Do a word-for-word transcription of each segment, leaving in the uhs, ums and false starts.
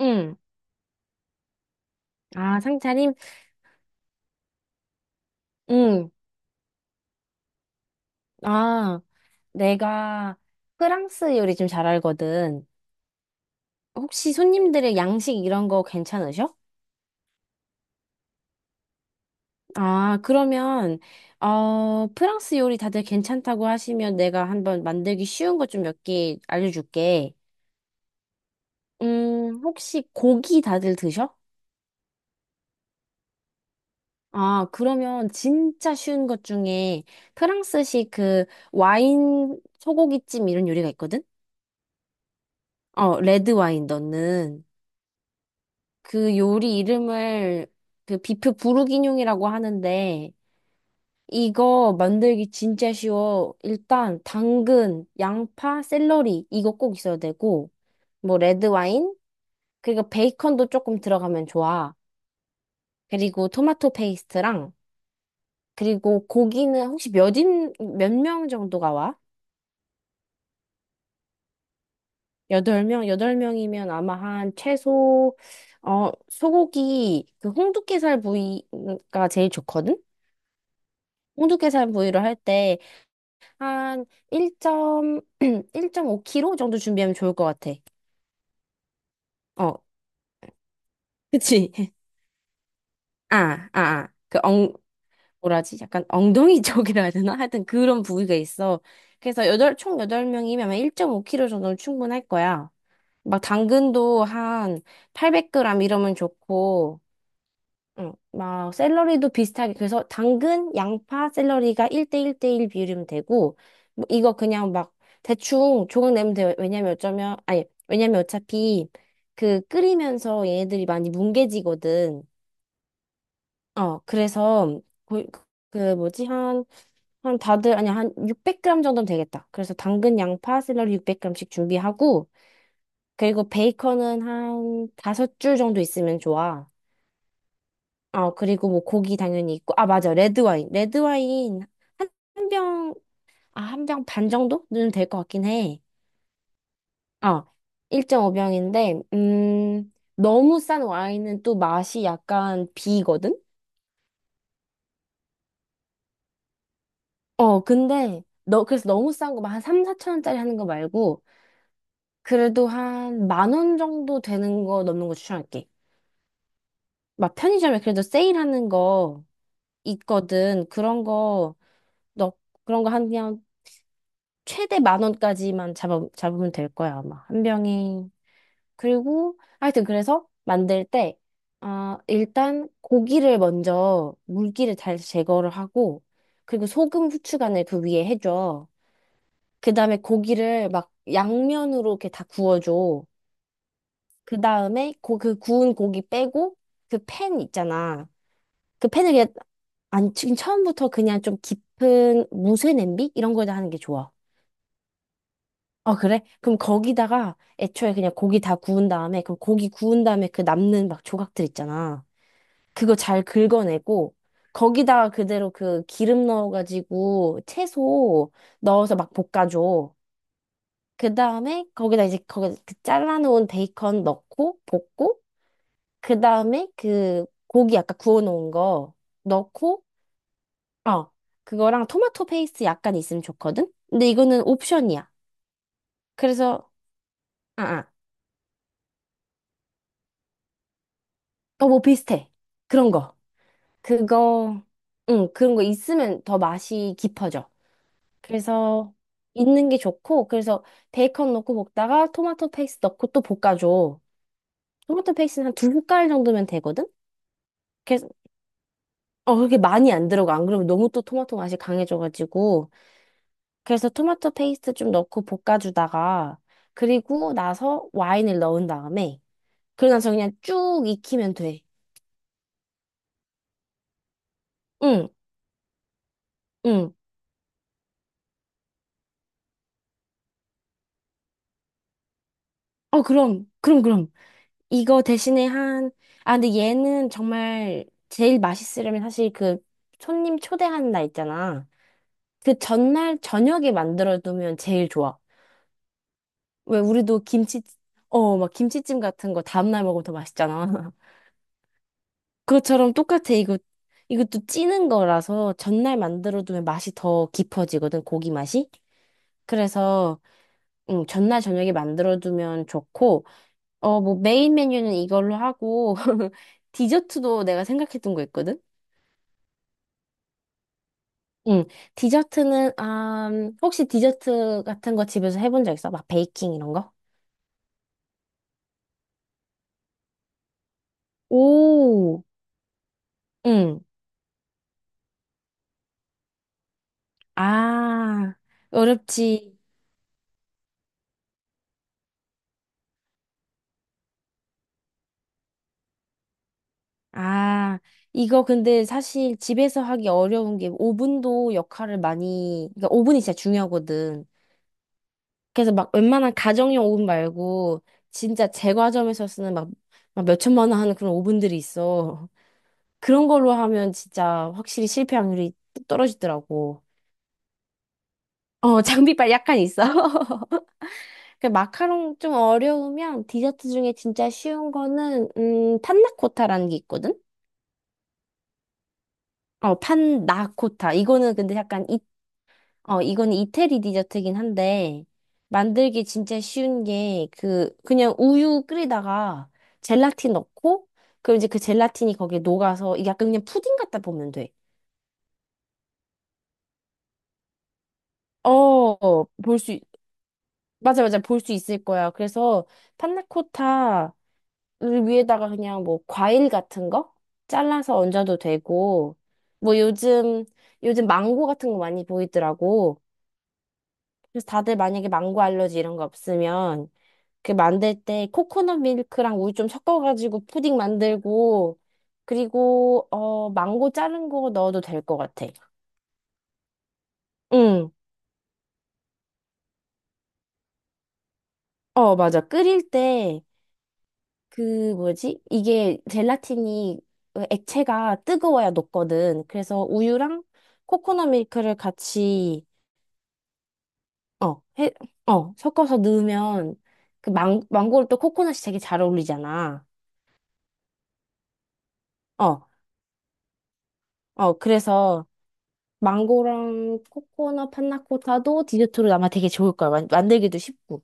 응. 아, 상차림? 응. 아, 내가 프랑스 요리 좀 잘 알거든. 혹시 손님들의 양식 이런 거 괜찮으셔? 아, 그러면, 어, 프랑스 요리 다들 괜찮다고 하시면 내가 한번 만들기 쉬운 것 좀 몇 개 알려줄게. 음, 혹시 고기 다들 드셔? 아, 그러면 진짜 쉬운 것 중에 프랑스식 그 와인 소고기찜 이런 요리가 있거든? 어, 레드 와인 넣는. 그 요리 이름을 그 비프 부르기뇽이라고 하는데 이거 만들기 진짜 쉬워. 일단 당근, 양파, 샐러리 이거 꼭 있어야 되고 뭐 레드 와인 그리고 베이컨도 조금 들어가면 좋아. 그리고 토마토 페이스트랑 그리고 고기는 혹시 몇인 몇 명 정도가 와? 여덟 명, 여덟 명이면 아마 한 최소 어 소고기 그 홍두깨살 부위가 제일 좋거든. 홍두깨살 부위로 할때 한 일 점, 일 점 오 킬로그램 정도 준비하면 좋을 것 같아. 어, 그치? 아, 아, 아. 그 엉, 뭐라지? 약간 엉덩이 쪽이라 해야 되나? 하여튼 그런 부위가 있어. 그래서 여덟, 총 여덟 명이면 일 점 오 킬로그램 정도는 충분할 거야. 막 당근도 한 팔백 그램 이러면 좋고, 어, 막 샐러리도 비슷하게 그래서 당근, 양파, 샐러리가 일 대 일 대 일 비율이면 되고 뭐 이거 그냥 막 대충 조각 내면 돼요. 왜냐면 어쩌면 아니 왜냐면 어차피 그 끓이면서 얘네들이 많이 뭉개지거든. 어, 그래서 그, 그 뭐지 한 한 다들 아니 한 육백 그램 정도면 되겠다. 그래서 당근, 양파, 샐러리 육백 그램씩 준비하고 그리고 베이컨은 한 다섯 줄 정도 있으면 좋아. 어, 그리고 뭐 고기 당연히 있고. 아, 맞아. 레드와인. 레드와인 한, 한 병, 아, 한 병 반 정도는 될 것 같긴 해. 어, 일 점 오 병인데, 음, 너무 싼 와인은 또 맛이 약간 비거든? 어, 근데, 너, 그래서 너무 싼 거, 막한 삼, 사천 원짜리 하는 거 말고, 그래도 한 만 원 정도 되는 거 넘는 거 추천할게. 막 편의점에 그래도 세일하는 거 있거든. 그런 거, 너, 그런 거 한 그냥 최대 만 원까지만 잡아, 잡으면 될 거야, 아마. 한 병이. 그리고, 하여튼, 그래서 만들 때, 아, 일단 고기를 먼저 물기를 잘 제거를 하고, 그리고 소금, 후추 간을 그 위에 해줘. 그 다음에 고기를 막 양면으로 이렇게 다 구워줘. 그 다음에 고, 그 구운 고기 빼고, 그 팬 있잖아. 그 팬을 그냥, 아니, 지금 처음부터 그냥 좀 깊은 무쇠 냄비? 이런 거에다 하는 게 좋아. 어, 그래? 그럼 거기다가 애초에 그냥 고기 다 구운 다음에, 그럼 고기 구운 다음에 그 남는 막 조각들 있잖아. 그거 잘 긁어내고, 거기다가 그대로 그 기름 넣어가지고 채소 넣어서 막 볶아줘. 그 다음에 거기다 이제 거기 그 잘라놓은 베이컨 넣고 볶고, 그 다음에 그 고기 아까 구워놓은 거 넣고, 어, 그거랑 토마토 페이스 약간 있으면 좋거든? 근데 이거는 옵션이야. 그래서, 아, 아, 어, 뭐 비슷해. 그런 거. 그거, 응, 그런 거 있으면 더 맛이 깊어져. 그래서 있는 게 좋고, 그래서 베이컨 넣고 볶다가 토마토 페이스 넣고 또 볶아줘. 토마토 페이스는 한 두 숟갈 정도면 되거든? 그래서, 어, 그렇게 많이 안 들어가. 안 그러면 너무 또 토마토 맛이 강해져가지고. 그래서 토마토 페이스트 좀 넣고 볶아주다가, 그리고 나서 와인을 넣은 다음에, 그러고 나서 그냥 쭉 익히면 돼. 응, 응. 어, 그럼, 그럼, 그럼. 이거 대신에 한, 아, 근데 얘는 정말 제일 맛있으려면 사실 그 손님 초대하는 날 있잖아. 그 전날 저녁에 만들어두면 제일 좋아. 왜 우리도 김치, 어, 막 김치찜 같은 거 다음날 먹으면 더 맛있잖아. 그것처럼 똑같아. 이거, 이것도 찌는 거라서 전날 만들어두면 맛이 더 깊어지거든, 고기 맛이. 그래서, 음, 전날 저녁에 만들어두면 좋고, 어, 뭐 메인 메뉴는 이걸로 하고, 디저트도 내가 생각했던 거 있거든? 응. 디저트는, 아, 음, 혹시 디저트 같은 거 집에서 해본 적 있어? 막 베이킹 이런 거? 오, 응. 아, 어렵지. 아, 이거 근데 사실 집에서 하기 어려운 게 오븐도 역할을 많이, 그러니까 오븐이 진짜 중요하거든. 그래서 막 웬만한 가정용 오븐 말고 진짜 제과점에서 쓰는 막, 막 몇천만 원 하는 그런 오븐들이 있어. 그런 걸로 하면 진짜 확실히 실패 확률이 뚝 떨어지더라고. 어, 장비빨 약간 있어. 그 마카롱 좀 어려우면 디저트 중에 진짜 쉬운 거는, 음, 판나코타라는 게 있거든? 어, 판나코타. 이거는 근데 약간, 이, 어, 이거는 이태리 디저트긴 한데, 만들기 진짜 쉬운 게, 그, 그냥 우유 끓이다가 젤라틴 넣고, 그럼 이제 그 젤라틴이 거기에 녹아서, 이게 약간 그냥 푸딩 같다 보면 돼. 어, 볼 수, 맞아, 맞아, 볼 수 있을 거야. 그래서, 판나코타, 위에다가 그냥 뭐 과일 같은 거 잘라서 얹어도 되고 뭐 요즘 요즘 망고 같은 거 많이 보이더라고. 그래서 다들 만약에 망고 알러지 이런 거 없으면 그 만들 때 코코넛 밀크랑 우유 좀 섞어가지고 푸딩 만들고 그리고 어 망고 자른 거 넣어도 될 것 같아. 응. 어 맞아. 끓일 때 그 뭐지? 이게 젤라틴이 액체가 뜨거워야 녹거든. 그래서 우유랑 코코넛 밀크를 같이 어, 해, 어, 섞어서 넣으면 그 망, 망고를 또 코코넛이 되게 잘 어울리잖아. 어, 어, 그래서 망고랑 코코넛 판나코타도 디저트로 아마 되게 좋을 거야. 만- 만들기도 쉽고.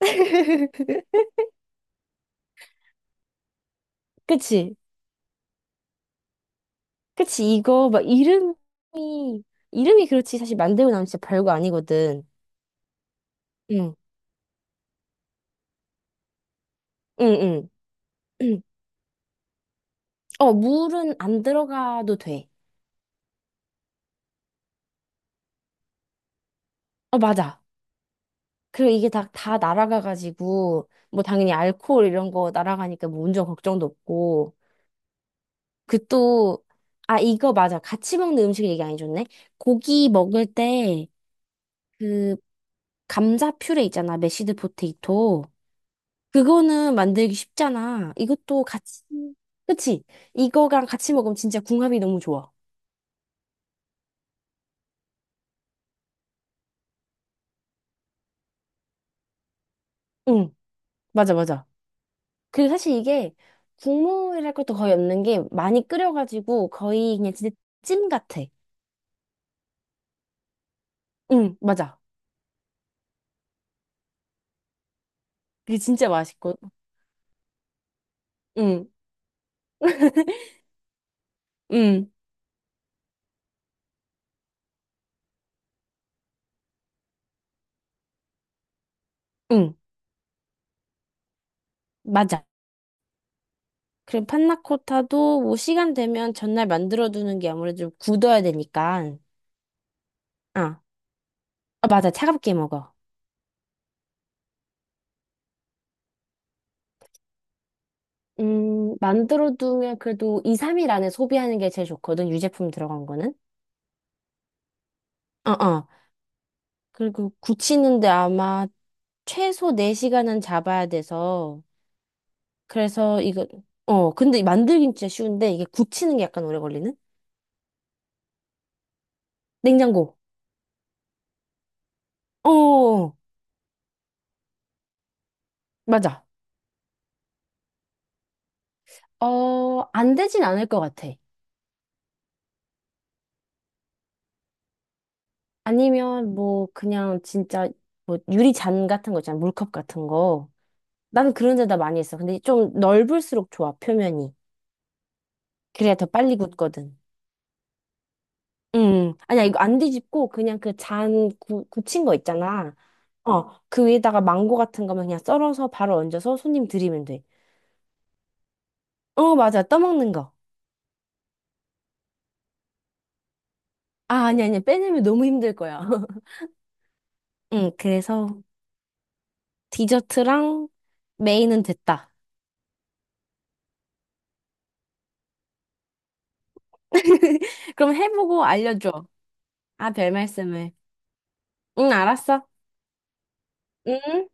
그치? 그치? 이거 막 이름이 이름이 그렇지 사실 만들고 나면 진짜 별거 아니거든. 응, 응, 응. 어, 물은 안 들어가도 돼. 어, 맞아. 그리고 이게 다, 다 날아가가지고, 뭐 당연히 알코올 이런 거 날아가니까 뭐 운전 걱정도 없고. 그 또, 아, 이거 맞아. 같이 먹는 음식 얘기 안 해줬네. 고기 먹을 때, 그, 감자 퓨레 있잖아. 메시드 포테이토. 그거는 만들기 쉽잖아. 이것도 같이, 그치? 이거랑 같이 먹으면 진짜 궁합이 너무 좋아. 응, 맞아, 맞아. 그 사실 이게 국물이랄 것도 거의 없는 게 많이 끓여가지고 거의 그냥 진짜 찜 같아. 응, 맞아. 그게 진짜 맛있고. 응, 응, 응, 맞아. 그리고 판나코타도 뭐 시간 되면 전날 만들어두는 게 아무래도 좀 굳어야 되니까. 아, 아, 맞아. 차갑게 먹어. 음, 만들어두면 그래도 이, 삼 일 안에 소비하는 게 제일 좋거든. 유제품 들어간 거는. 어, 어. 그리고 굳히는데 아마 최소 네 시간은 잡아야 돼서. 그래서 이거, 어, 근데 만들긴 진짜 쉬운데 이게 굳히는 게 약간 오래 걸리는? 냉장고. 어, 맞아. 어, 안 되진 않을 것 같아. 아니면 뭐 그냥 진짜 뭐 유리잔 같은 거 있잖아. 물컵 같은 거. 나는 그런 데다 많이 했어. 근데 좀 넓을수록 좋아, 표면이. 그래야 더 빨리 굳거든. 음, 아니야, 이거 안 뒤집고 그냥 그 잔 굳힌 거 있잖아. 어, 그 위에다가 망고 같은 거면 그냥 썰어서 바로 얹어서 손님 드리면 돼. 어, 맞아. 떠먹는 거. 아, 아니, 아니, 빼내면 너무 힘들 거야. 응, 그래서 디저트랑 메인은 됐다. 그럼 해보고 알려줘. 아, 별 말씀을. 응, 알았어. 응.